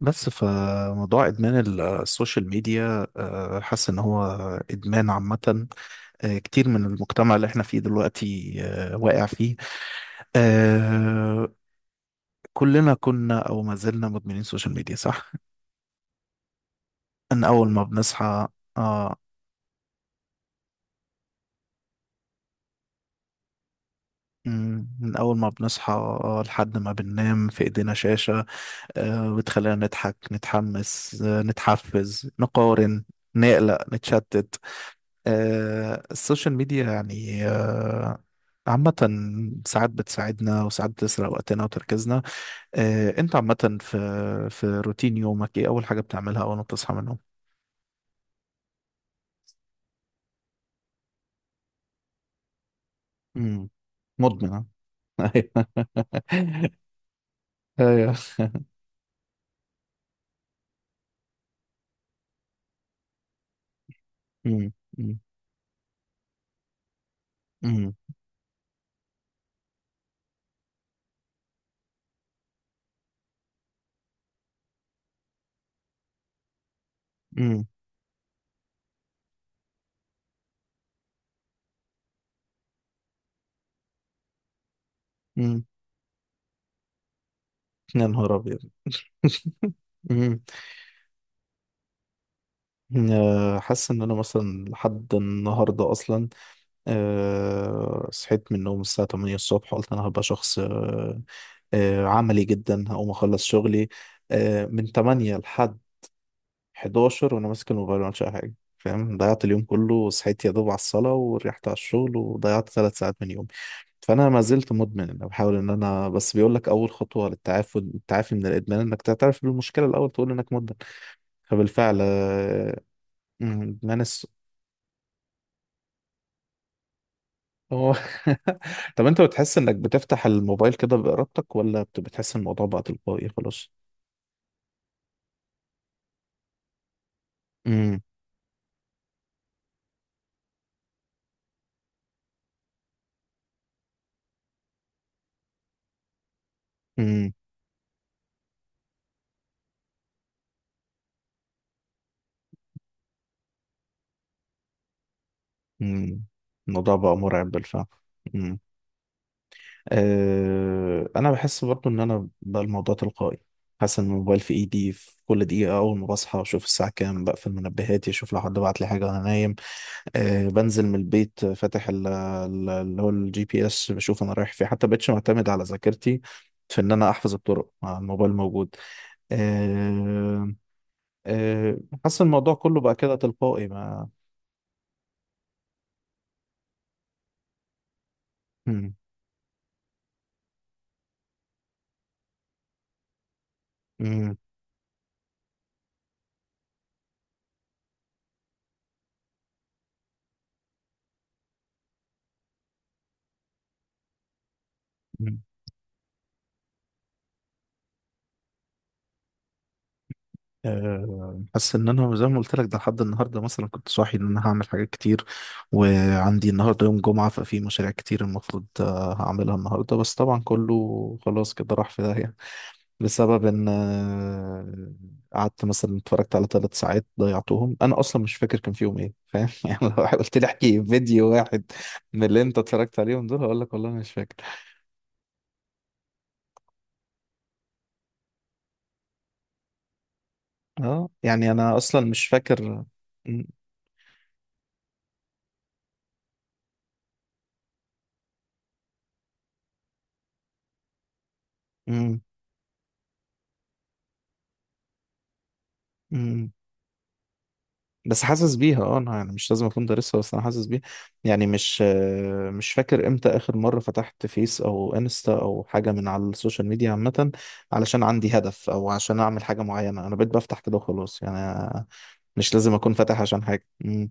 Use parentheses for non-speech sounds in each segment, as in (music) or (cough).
بس فموضوع ادمان السوشيال ميديا، حاسس ان هو ادمان عامة. كتير من المجتمع اللي احنا فيه دلوقتي، واقع فيه. آه، كلنا كنا او ما زلنا مدمنين سوشيال ميديا، صح؟ من اول ما بنصحى اه مم، من اول ما بنصحى، لحد ما بننام في ايدينا شاشة. بتخلينا نضحك نتحمس، نتحفز نقارن نقلق نتشتت. السوشيال ميديا يعني، عامة، ساعات بتساعدنا وساعات بتسرق وقتنا وتركيزنا. انت عامة في روتين يومك، ايه أول حاجة بتعملها أول ما بتصحى من النوم؟ امم، مدمن، آه. (laughs) ايوه. أمم، أمم، أمم، أمم، أمم. يا نهار أبيض. (laughs) أمم. حاسس إن أنا مثلا لحد النهاردة أصلا صحيت من النوم الساعة 8 الصبح، قلت أنا هبقى شخص أه أه عملي جدا، هقوم أخلص شغلي من 8 لحد 11 وأنا ماسك الموبايل، ما عملتش أي حاجة، فاهم؟ ضيعت اليوم كله، وصحيت يا دوب على الصلاة وريحت على الشغل، وضيعت 3 ساعات من يومي. فأنا ما زلت مدمن. أنا بحاول إن أنا، بس بيقول لك، أول خطوة للتعافي من الإدمان إنك تعترف بالمشكلة الأول، تقول إنك مدمن. فبالفعل، ادمان. هو. (laughs) طب انت بتحس انك بتفتح الموبايل كده بإرادتك، ولا بتحس إن الموضوع بقى تلقائي خلاص؟ امم، امم، امم. الموضوع بقى مرعب بالفعل. امم. انا بحس برضو ان انا بقى الموضوع تلقائي. حاسس ان الموبايل في ايدي في كل دقيقة، اول ما بصحى اشوف الساعة كام، بقفل منبهاتي، اشوف لو حد بعت لي حاجة وانا نايم. بنزل من البيت فاتح اللي هو الجي بي اس، بشوف انا رايح فين، حتى بقتش معتمد على ذاكرتي في ان انا احفظ الطرق مع الموبايل موجود. آه، آه، حاسس الموضوع كله بقى كده تلقائي، ما مم، مم، مم. حاسس ان انا زي ما قلت لك، ده لحد النهارده مثلا كنت صاحي ان انا هعمل حاجات كتير، وعندي النهارده يوم جمعه، ففي مشاريع كتير المفروض هعملها النهارده، بس طبعا كله خلاص كده راح في داهيه، بسبب ان قعدت مثلا اتفرجت على 3 ساعات ضيعتهم، انا اصلا مش فاكر كان فيهم ايه، فاهم؟ (laughs) يعني لو قلت لي احكي فيديو واحد من اللي انت اتفرجت عليهم دول، هقول لك والله مش فاكر. اه يعني انا اصلا مش فاكر. م- م- م. بس حاسس بيها. اه انا يعني مش لازم اكون دارسها، بس انا حاسس بيها. يعني مش فاكر امتى اخر مره فتحت فيس او انستا او حاجه من على السوشيال ميديا عامه، علشان عندي هدف او عشان اعمل حاجه معينه. انا بقيت بفتح كده وخلاص يعني، مش لازم اكون فاتح عشان حاجه. م-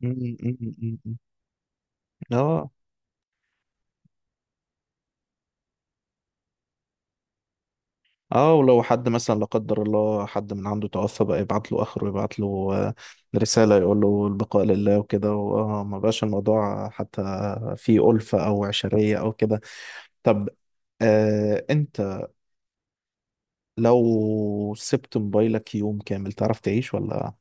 م- م- م- م. اه اه ولو حد مثلا، لا قدر الله، حد من عنده توفى بقى، يبعت له اخره يبعت له آه، رسالة، يقول له البقاء لله وكده، واه ما بقاش الموضوع حتى في ألفة او عشرية او كده. طب انت، لو سبت موبايلك يوم كامل، تعرف تعيش ولا؟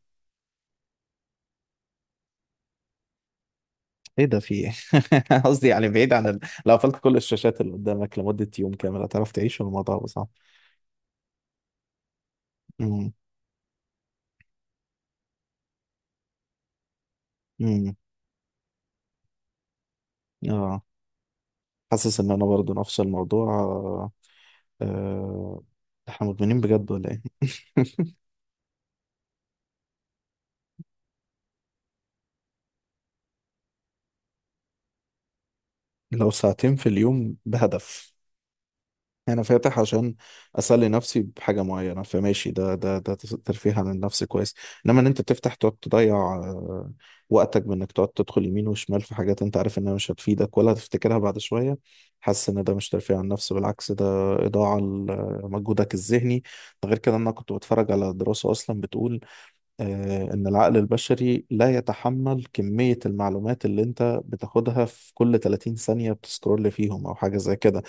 ايه ده؟ في ايه؟ (laughs) قصدي يعني بعيد عن لو قفلت كل الشاشات اللي قدامك لمدة يوم كامل، هتعرف تعيش ولا الموضوع هيبقى صعب؟ امم، امم. اه حاسس ان انا برضو نفس الموضوع. آه، احنا مدمنين بجد ولا ايه؟ (laughs) لو ساعتين في اليوم بهدف، انا فاتح عشان اسلي نفسي بحاجه معينه، فماشي، ده ترفيه عن النفس كويس. انما ان انت تفتح تقعد تضيع وقتك، بانك تقعد تدخل يمين وشمال في حاجات انت عارف انها مش هتفيدك ولا هتفتكرها بعد شويه، حاسس ان ده مش ترفيه عن النفس، بالعكس ده اضاعه لمجهودك الذهني. ده غير كده إن انا كنت بتفرج على دراسه اصلا بتقول، آه، إن العقل البشري لا يتحمل كمية المعلومات اللي أنت بتاخدها في كل 30 ثانية بتسكرول فيهم أو حاجة زي كده.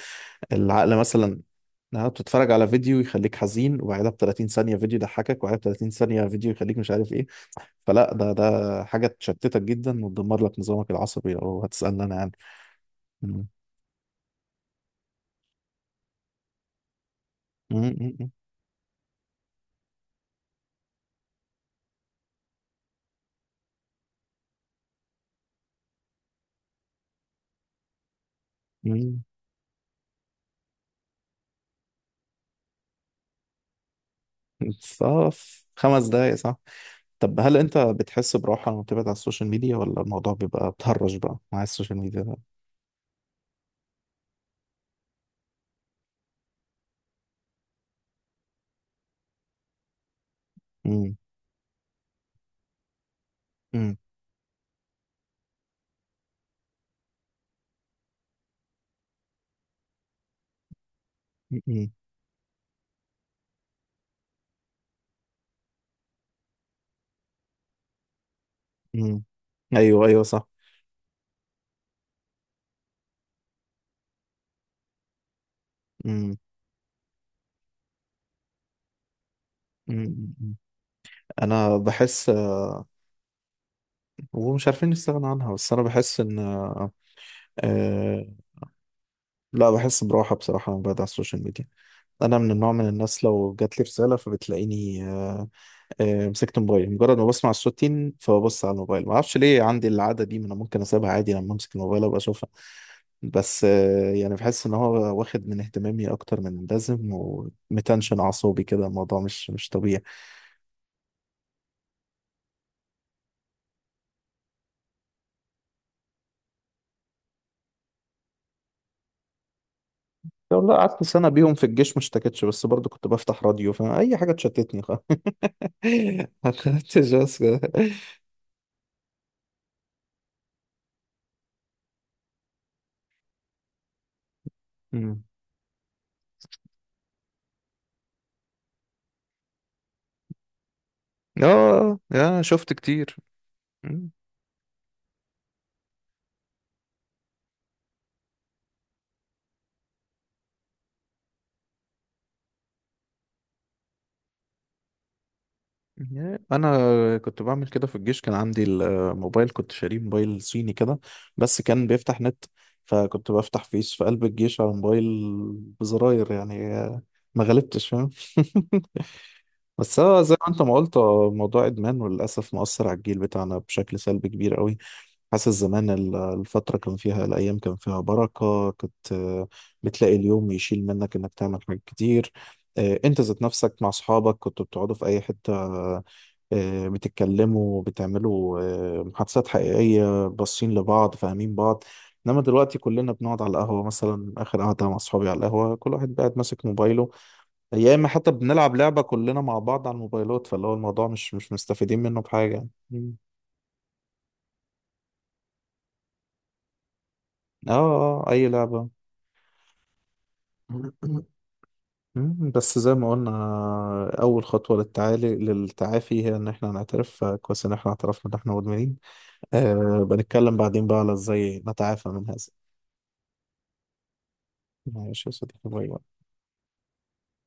العقل مثلا، إنها بتتفرج على فيديو يخليك حزين، وبعدها ب 30 ثانية فيديو يضحكك، وبعدها ب 30 ثانية فيديو يخليك مش عارف إيه. فلا، ده حاجة تشتتك جدا وتدمر لك نظامك العصبي لو هتسألني، أنا يعني. مم. مم، مم، مم. صف 5 دقايق، صح. طب هل انت بتحس براحة لما بتبعد عن السوشيال ميديا، ولا الموضوع بيبقى بتهرج بقى مع السوشيال ميديا؟ مم. مم. مم. مم. ايوه، ايوه، صح. مم. مم. مم. انا بحس، ومش عارفين نستغنى عنها، بس انا بحس ان آه، لا، بحس براحه بصراحه لما بقعد على السوشيال ميديا. انا من النوع من الناس، لو جات لي رساله فبتلاقيني مسكت موبايل، مجرد ما بسمع الصوت تين فببص على الموبايل، ما اعرفش ليه عندي العاده دي، ما انا ممكن اسيبها عادي، لما امسك الموبايل ابقى اشوفها. بس يعني بحس ان هو واخد من اهتمامي اكتر من اللازم، ومتنشن اعصابي كده. الموضوع مش طبيعي. لو لا قعدت سنه بيهم في الجيش ما اشتكتش، بس برضو كنت بفتح راديو فاي حاجه تشتتني (laughs) ما خدتش بس كده. مم. يا، شفت كتير. انا كنت بعمل كده في الجيش، كان عندي الموبايل، كنت شاريه موبايل صيني كده بس كان بيفتح نت، فكنت بفتح فيس في قلب الجيش على موبايل بزراير، يعني ما غلبتش، فاهم؟ (laughs) بس هو زي ما انت ما قلت، موضوع ادمان، وللاسف مؤثر على الجيل بتاعنا بشكل سلبي كبير قوي. حاسس زمان الفتره كان فيها، الايام كان فيها بركه، كنت بتلاقي اليوم يشيل منك انك تعمل حاجات كتير. انت ذات نفسك مع اصحابك كنتوا بتقعدوا في اي حته، بتتكلموا بتعملوا محادثات حقيقية، باصين لبعض، فاهمين بعض. انما دلوقتي كلنا بنقعد على القهوة، مثلا اخر قعدة مع اصحابي على القهوة كل واحد قاعد ماسك موبايله، يا اما حتى بنلعب لعبة كلنا مع بعض على الموبايلات. فاللي هو الموضوع مش مستفيدين منه بحاجة. مم. اه اه اي لعبة. مم. بس زي ما قلنا أول خطوة للتعافي هي إن إحنا نعترف، فكويس إن إحنا اعترفنا إن إحنا مدمنين. بنتكلم بعدين بقى على إزاي نتعافى من هذا. معلش يا صديقي، باي باي.